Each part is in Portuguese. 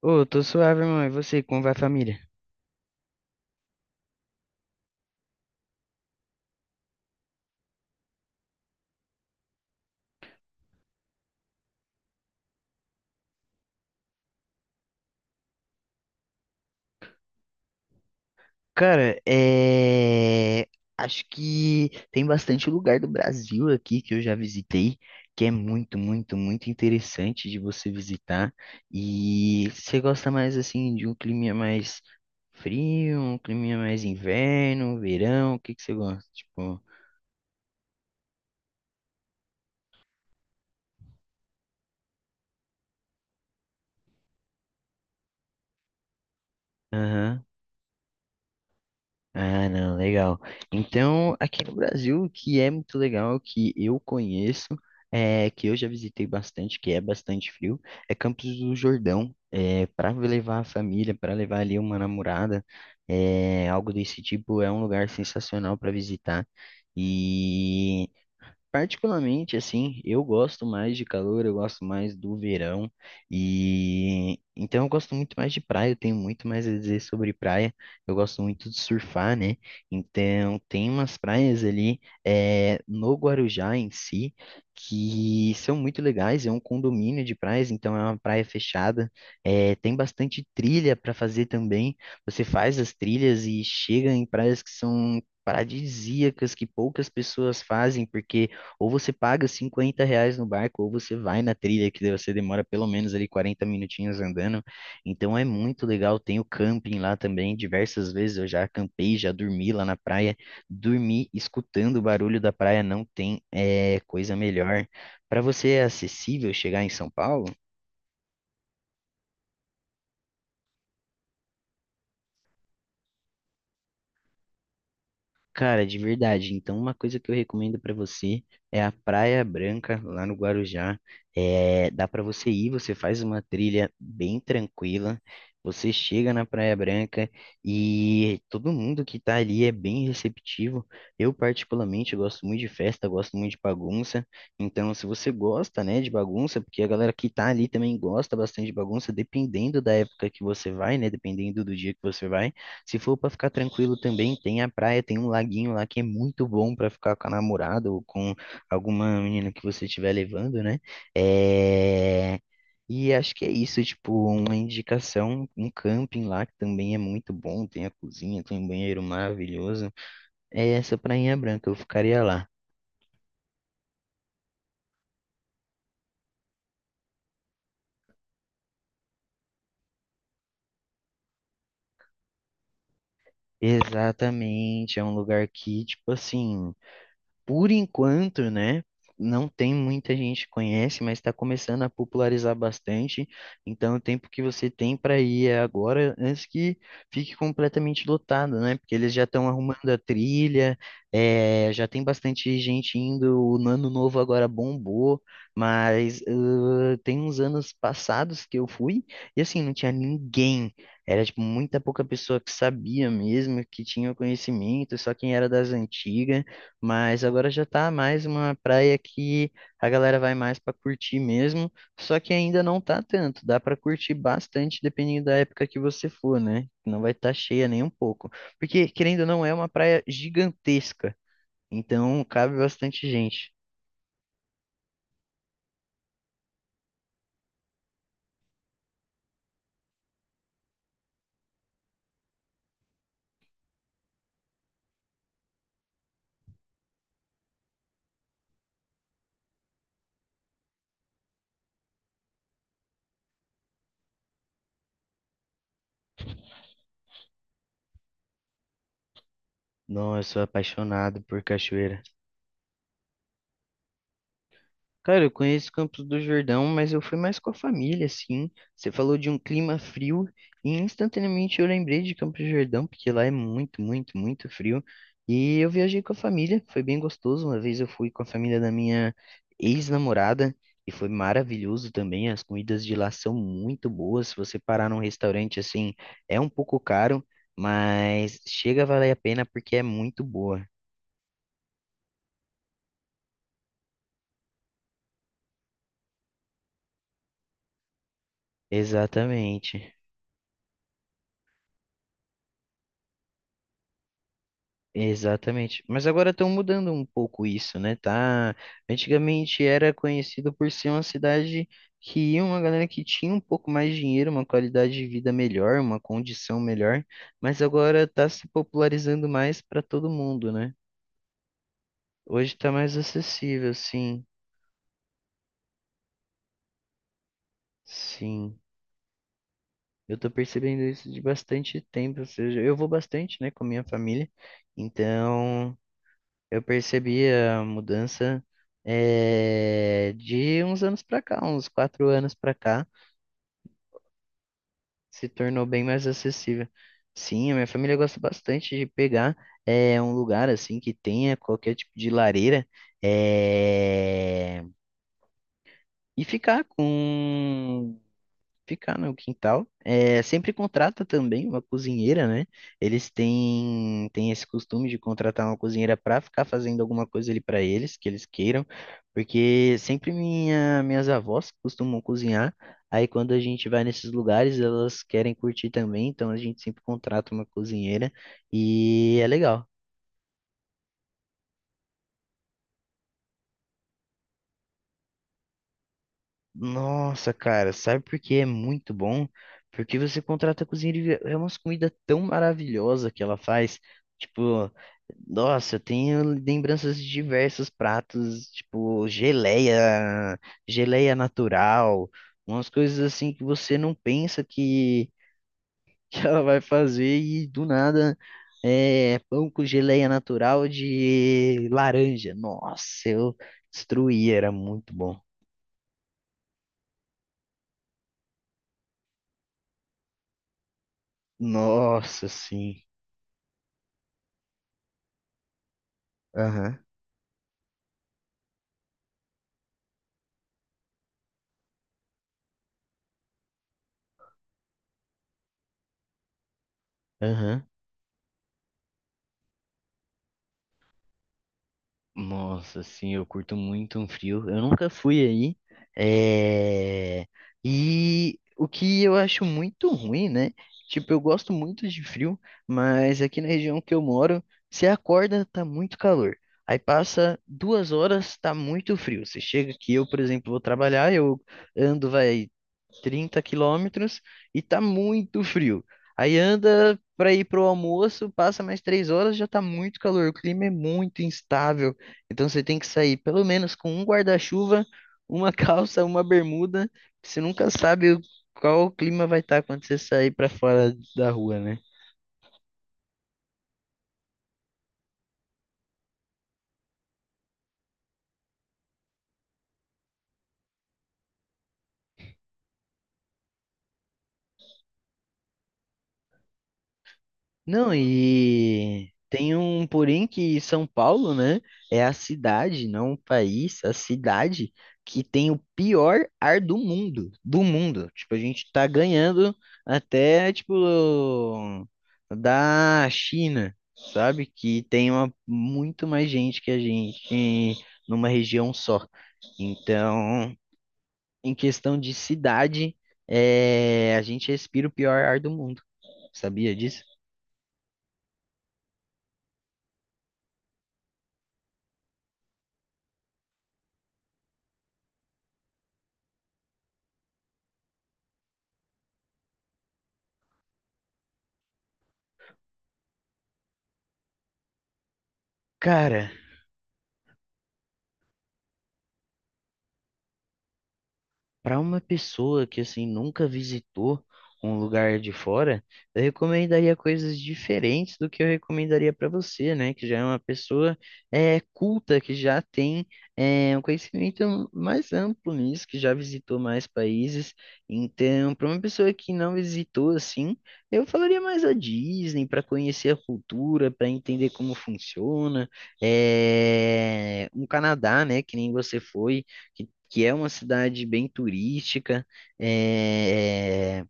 Ô, tô suave, mãe. E você, como vai a família? Cara, acho que tem bastante lugar do Brasil aqui que eu já visitei, que é muito, muito, muito interessante de você visitar. E você gosta mais assim de um clima mais frio, um clima mais inverno, verão? O que que você gosta? Tipo, aham. Ah, não, legal. Então, aqui no Brasil, o que é muito legal, que eu conheço, que eu já visitei bastante, que é bastante frio, é Campos do Jordão. É, para levar a família, para levar ali uma namorada, algo desse tipo, é um lugar sensacional para visitar. Particularmente, assim, eu gosto mais de calor, eu gosto mais do verão, e então eu gosto muito mais de praia, eu tenho muito mais a dizer sobre praia, eu gosto muito de surfar, né? Então tem umas praias ali no Guarujá em si que são muito legais, é um condomínio de praias, então é uma praia fechada, tem bastante trilha para fazer também, você faz as trilhas e chega em praias que são paradisíacas que poucas pessoas fazem, porque ou você paga R$ 50 no barco, ou você vai na trilha, que daí você demora pelo menos ali 40 minutinhos andando. Então é muito legal. Tem o camping lá também. Diversas vezes eu já acampei, já dormi lá na praia. Dormir escutando o barulho da praia não tem coisa melhor. Para você é acessível chegar em São Paulo? Cara, de verdade. Então, uma coisa que eu recomendo pra você é a Praia Branca, lá no Guarujá. É, dá pra você ir, você faz uma trilha bem tranquila. Você chega na Praia Branca e todo mundo que tá ali é bem receptivo. Eu, particularmente, eu gosto muito de festa, gosto muito de bagunça. Então, se você gosta, né, de bagunça, porque a galera que tá ali também gosta bastante de bagunça, dependendo da época que você vai, né, dependendo do dia que você vai. Se for para ficar tranquilo também, tem a praia, tem um laguinho lá que é muito bom para ficar com a namorada ou com alguma menina que você estiver levando, né? É... E acho que é isso, tipo, uma indicação, um camping lá que também é muito bom, tem a cozinha, tem um banheiro maravilhoso. É essa Prainha Branca, eu ficaria lá. Exatamente, é um lugar que, tipo assim, por enquanto, né? Não tem muita gente que conhece, mas está começando a popularizar bastante. Então, o tempo que você tem para ir é agora, antes que fique completamente lotado, né? Porque eles já estão arrumando a trilha, já tem bastante gente indo. O Ano Novo agora bombou, mas tem uns anos passados que eu fui e assim, não tinha ninguém. Era tipo muita pouca pessoa que sabia mesmo, que tinha o conhecimento, só quem era das antigas. Mas agora já tá mais uma praia que a galera vai mais para curtir mesmo, só que ainda não tá tanto, dá para curtir bastante dependendo da época que você for, né? Não vai estar cheia nem um pouco, porque querendo ou não é uma praia gigantesca, então cabe bastante gente. Nossa, eu sou apaixonado por cachoeira. Cara, eu conheço Campos do Jordão, mas eu fui mais com a família, assim. Você falou de um clima frio e instantaneamente eu lembrei de Campos do Jordão, porque lá é muito, muito, muito frio. E eu viajei com a família, foi bem gostoso. Uma vez eu fui com a família da minha ex-namorada e foi maravilhoso também. As comidas de lá são muito boas. Se você parar num restaurante assim, é um pouco caro, mas chega a valer a pena porque é muito boa. Exatamente. Exatamente. Mas agora estão mudando um pouco isso, né? Tá? Antigamente era conhecido por ser uma cidade que ia uma galera que tinha um pouco mais de dinheiro, uma qualidade de vida melhor, uma condição melhor, mas agora está se popularizando mais para todo mundo, né? Hoje está mais acessível, sim. Sim. Eu tô percebendo isso de bastante tempo, ou seja, eu vou bastante, né, com a minha família. Então, eu percebi a mudança de uns anos pra cá, uns 4 anos pra cá, se tornou bem mais acessível. Sim, a minha família gosta bastante de pegar um lugar assim que tenha qualquer tipo de lareira eh, e ficar no quintal. É, sempre contrata também uma cozinheira, né? Eles têm esse costume de contratar uma cozinheira para ficar fazendo alguma coisa ali para eles, que eles queiram, porque sempre minhas avós costumam cozinhar. Aí quando a gente vai nesses lugares, elas querem curtir também, então a gente sempre contrata uma cozinheira e é legal. Nossa, cara, sabe por que é muito bom? Porque você contrata a cozinheira e é umas comidas tão maravilhosas que ela faz. Tipo, nossa, eu tenho lembranças de diversos pratos, tipo geleia, geleia natural, umas coisas assim que você não pensa que, que ela vai fazer e do nada é pão com geleia natural de laranja. Nossa, eu destruí, era muito bom. Nossa, sim. Aham, aham. Nossa, sim, eu curto muito um frio. Eu nunca fui aí. É... E o que eu acho muito ruim, né? Tipo, eu gosto muito de frio, mas aqui na região que eu moro, você acorda, tá muito calor. Aí passa 2 horas, tá muito frio. Você chega aqui, eu, por exemplo, vou trabalhar, eu ando, vai, 30 quilômetros e tá muito frio. Aí anda para ir pro almoço, passa mais 3 horas, já tá muito calor. O clima é muito instável. Então você tem que sair pelo menos com um guarda-chuva, uma calça, uma bermuda. Você nunca sabe qual o clima vai estar quando você sair para fora da rua, né? Não, e tem um porém que São Paulo, né, é a cidade, não o país, a cidade que tem o pior ar do mundo, do mundo. Tipo, a gente tá ganhando até, tipo, da China, sabe? Que tem uma, muito mais gente que a gente numa região só. Então, em questão de cidade, a gente respira o pior ar do mundo. Sabia disso? Cara, para uma pessoa que assim nunca visitou um lugar de fora, eu recomendaria coisas diferentes do que eu recomendaria para você, né? Que já é uma pessoa culta, que já tem um conhecimento mais amplo nisso, que já visitou mais países. Então, para uma pessoa que não visitou assim, eu falaria mais a Disney para conhecer a cultura, para entender como funciona. É, um Canadá, né? Que nem você foi que que é uma cidade bem turística. é,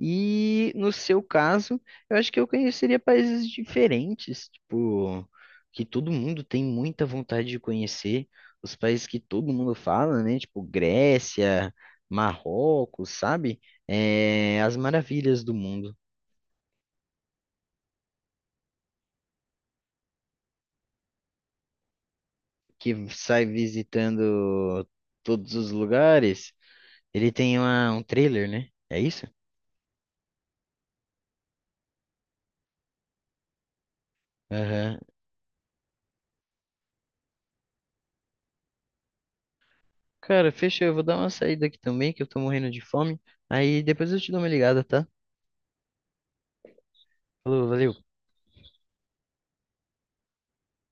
E no seu caso, eu acho que eu conheceria países diferentes, tipo, que todo mundo tem muita vontade de conhecer, os países que todo mundo fala, né? Tipo Grécia, Marrocos, sabe? É, as maravilhas do mundo, que sai visitando todos os lugares. Ele tem um trailer, né? É isso? Aham. Cara, fechou. Eu vou dar uma saída aqui também, que eu tô morrendo de fome. Aí depois eu te dou uma ligada, tá? Falou, valeu.